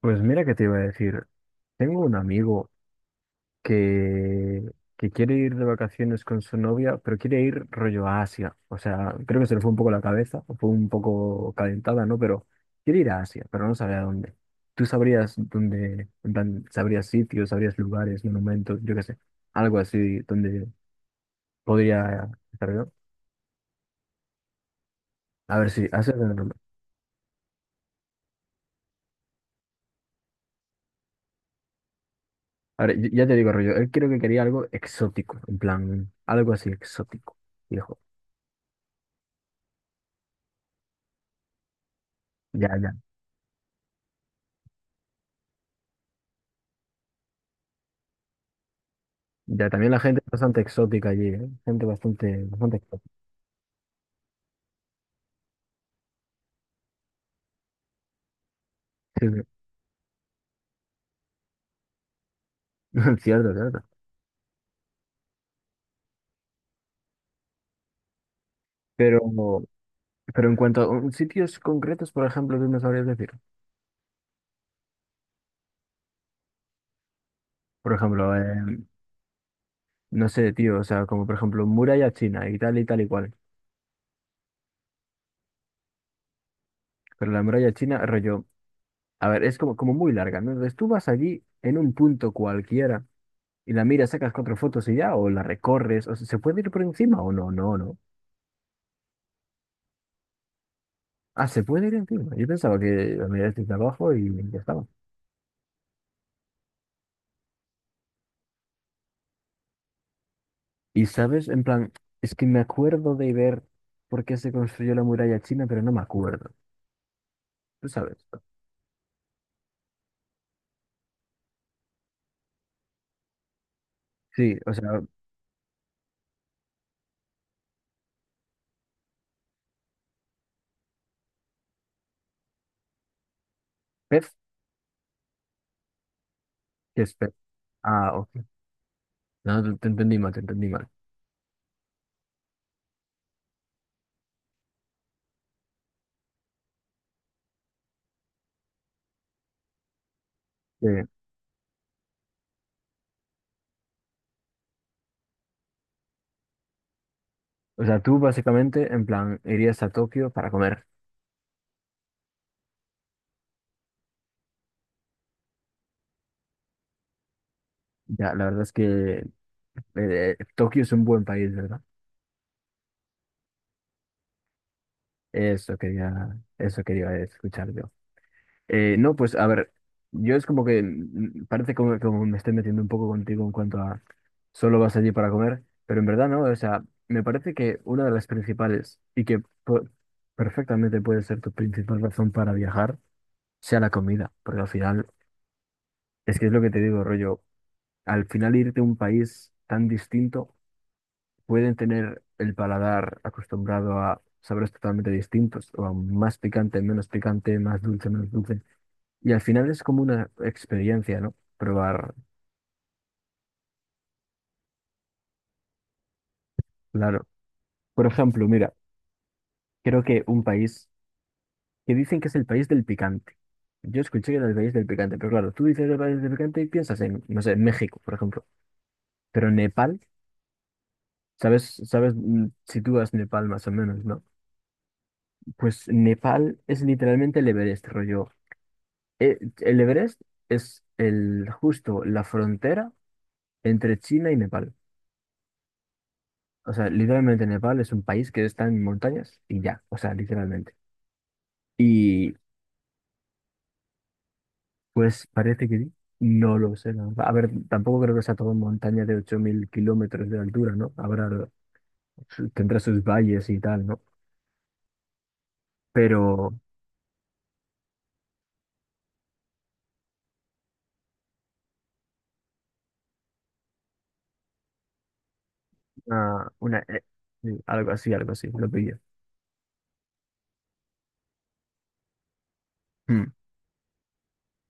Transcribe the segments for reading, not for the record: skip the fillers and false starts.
Pues mira que te iba a decir, tengo un amigo que, que quiere ir de vacaciones con su novia, pero quiere ir rollo a Asia. O sea, creo que se le fue un poco la cabeza, o fue un poco calentada, ¿no? Pero quiere ir a Asia, pero no sabe a dónde. Tú sabrías dónde, en plan, sabrías sitios, sabrías lugares, monumentos, yo qué sé, algo así donde podría estar yo. A ver si, Asia es donde no. A ver, ya te digo, rollo, él creo que quería algo exótico, en plan, algo así exótico, viejo. Ya, ya, también la gente es bastante exótica allí, ¿eh? Gente bastante, bastante exótica. Sí, sí. Cierto, cierto. Pero, pero en cuanto a sitios concretos, por ejemplo, ¿tú me sabrías decir? Por ejemplo, no sé, tío, o sea, como por ejemplo muralla china y tal y tal y cual. Pero la muralla china, rollo, a ver, es como, como muy larga, ¿no? Entonces tú vas allí en un punto cualquiera y la miras, sacas cuatro fotos y ya, o la recorres, o sea, ¿se puede ir por encima o no? No, no. Ah, se puede ir encima. Yo pensaba que la miras desde abajo y ya estaba. Y sabes, en plan, es que me acuerdo de ver por qué se construyó la muralla china, pero no me acuerdo. Tú sabes. Sí, o sea, Pez, ¿qué es Pez? Ah, ok. No, te entendí mal, te entendí mal. Eh, o sea, tú básicamente, en plan, irías a Tokio para comer. Ya, la verdad es que Tokio es un buen país, ¿verdad? Eso quería escuchar yo. No, pues a ver, yo es como que parece como, como me estoy metiendo un poco contigo en cuanto a solo vas allí para comer, pero en verdad no, o sea, me parece que una de las principales y que perfectamente puede ser tu principal razón para viajar sea la comida, porque al final, es que es lo que te digo, rollo, al final irte a un país tan distinto, pueden tener el paladar acostumbrado a sabores totalmente distintos, o a más picante, menos picante, más dulce, menos dulce. Y al final es como una experiencia, ¿no? Probar, claro. Por ejemplo, mira, creo que un país que dicen que es el país del picante. Yo escuché que era el país del picante, pero claro, tú dices el país del picante y piensas en, no sé, México, por ejemplo. Pero Nepal, ¿sabes, sabes, sitúas Nepal más o menos, ¿no? Pues Nepal es literalmente el Everest, rollo. El Everest es el, justo la frontera entre China y Nepal. O sea, literalmente Nepal es un país que está en montañas y ya, o sea, literalmente. Y pues parece que sí. No lo sé, la verdad. A ver, tampoco creo que sea todo montaña de 8000 kilómetros de altura, ¿no? Habrá, tendrá sus valles y tal, ¿no? Pero ah, una, sí, algo así, lo pillo. Mm,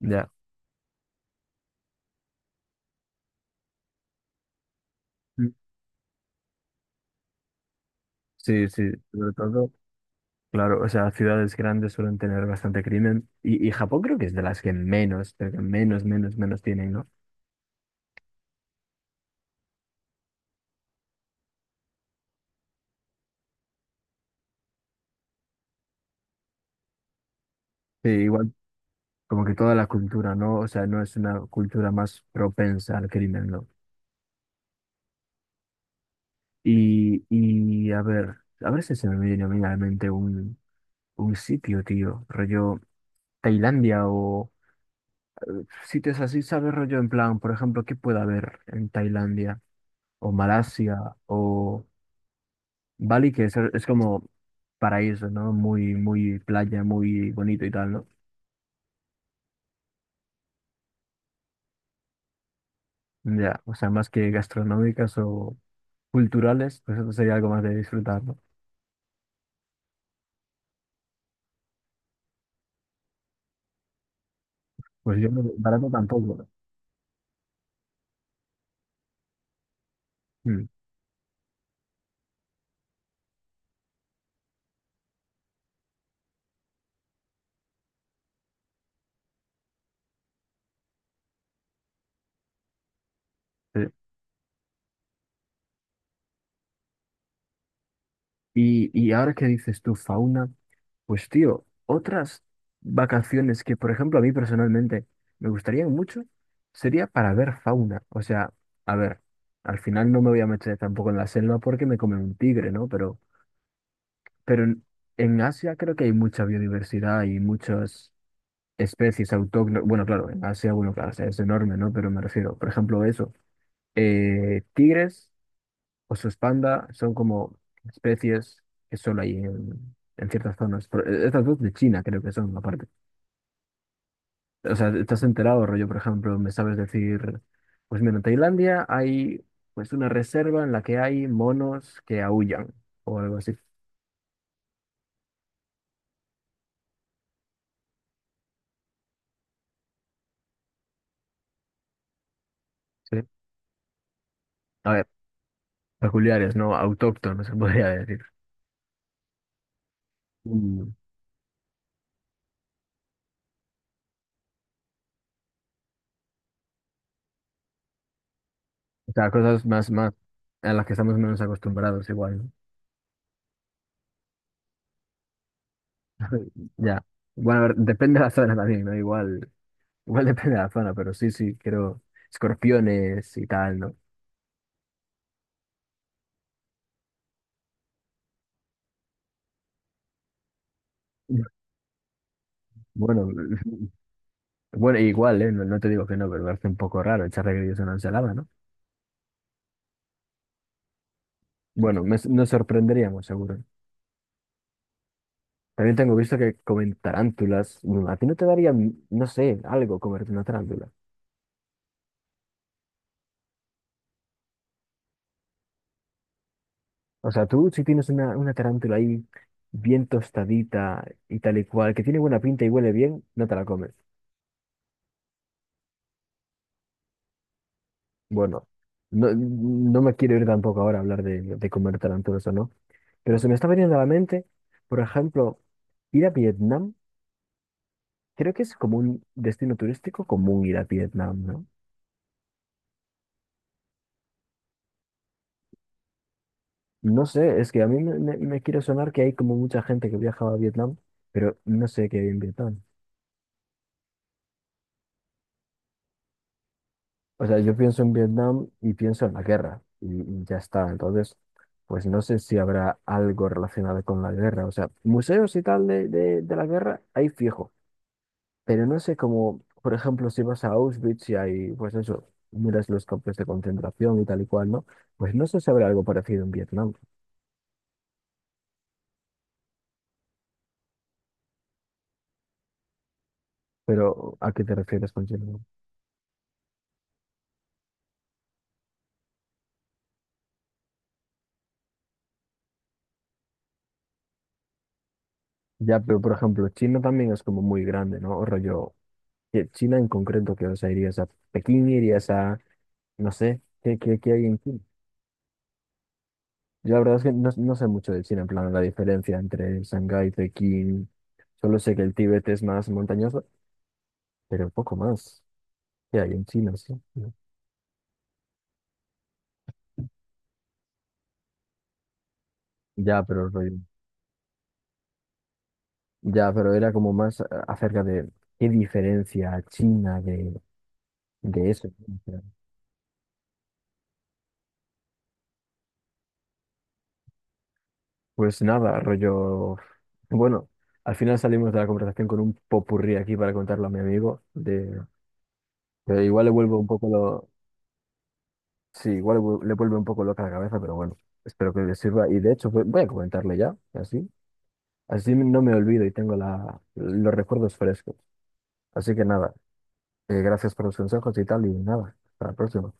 ya. Mm. Sí, sí, sobre todo, claro, o sea, ciudades grandes suelen tener bastante crimen y Japón creo que es de las que menos, pero que menos, menos, menos tienen, ¿no? Sí, igual, como que toda la cultura, ¿no? O sea, no es una cultura más propensa al crimen, ¿no? Y a ver si se me viene a mí a la mente un sitio, tío, rollo Tailandia o sitios así, ¿sabes? Rollo en plan, por ejemplo, ¿qué puede haber en Tailandia o Malasia o Bali, que es como paraíso, ¿no? Muy, muy playa, muy bonito y tal, ¿no? Ya, o sea, más que gastronómicas o culturales, pues eso sería algo más de disfrutar, ¿no? Pues yo barato tampoco, ¿no? Mm, sí. Y ahora que dices tú, fauna. Pues tío, otras vacaciones que, por ejemplo, a mí personalmente me gustarían mucho sería para ver fauna. O sea, a ver, al final no me voy a meter tampoco en la selva porque me come un tigre, ¿no? Pero en Asia creo que hay mucha biodiversidad y muchas especies autóctonas. Bueno, claro, en Asia, bueno, claro, o sea, es enorme, ¿no? Pero me refiero, por ejemplo, eso. Tigres, osos panda, son como especies que solo hay en ciertas zonas. Pero, estas dos de China creo que son, aparte. O sea, estás enterado, rollo, por ejemplo, me sabes decir, pues mira, en Tailandia hay pues una reserva en la que hay monos que aúllan o algo así. Sí. A ver, peculiares, ¿no? Autóctonos, se podría decir. Mm. O sea, cosas más, más a las que estamos menos acostumbrados igual, ¿no? Ya. Bueno, a ver, depende de la zona también, ¿no? Igual, igual depende de la zona, pero sí, sí, quiero escorpiones y tal, ¿no? Bueno, bueno, igual, ¿eh? No, no te digo que no, pero me parece un poco raro echarle grillos a una ensalada, ¿no? Bueno, nos sorprenderíamos, seguro. También tengo visto que comen tarántulas. Mm, a ti no te daría, no sé, algo comerte una tarántula. O sea, tú si tienes una tarántula ahí bien tostadita y tal y cual, que tiene buena pinta y huele bien, no te la comes. Bueno, no, no me quiero ir tampoco ahora a hablar de comer tarántulas o no, pero se me está veniendo a la mente, por ejemplo, ir a Vietnam. Creo que es como un destino turístico común ir a Vietnam, ¿no? No sé, es que a mí me quiere sonar que hay como mucha gente que viajaba a Vietnam, pero no sé qué hay en Vietnam. O sea, yo pienso en Vietnam y pienso en la guerra y ya está. Entonces, pues no sé si habrá algo relacionado con la guerra. O sea, museos y tal de la guerra hay fijo, pero no sé cómo, por ejemplo, si vas a Auschwitz y hay, pues eso, miras los campos de concentración y tal y cual, ¿no? Pues no sé si habrá algo parecido en Vietnam, pero ¿a qué te refieres con Chile? Ya, pero por ejemplo, China también es como muy grande, ¿no? O rollo, que China en concreto, que, o sea, irías a Pekín, irías a, no sé, ¿qué, qué, qué hay en China? Yo la verdad es que no, no sé mucho de China, en plan, la diferencia entre Shanghái, Pekín, solo sé que el Tíbet es más montañoso, pero poco más. ¿Qué hay en China? Sí. No. Ya, pero rollo, ya, pero era como más acerca de qué diferencia China de eso. Pues nada, rollo. Bueno, al final salimos de la conversación con un popurrí aquí para contarlo a mi amigo. De... que igual le vuelve un poco lo. Sí, igual le le vuelve un poco loca la cabeza, pero bueno, espero que le sirva. Y de hecho, voy a comentarle ya, así. Así no me olvido y tengo la... los recuerdos frescos. Así que nada, gracias por los consejos y tal, y nada, hasta la próxima.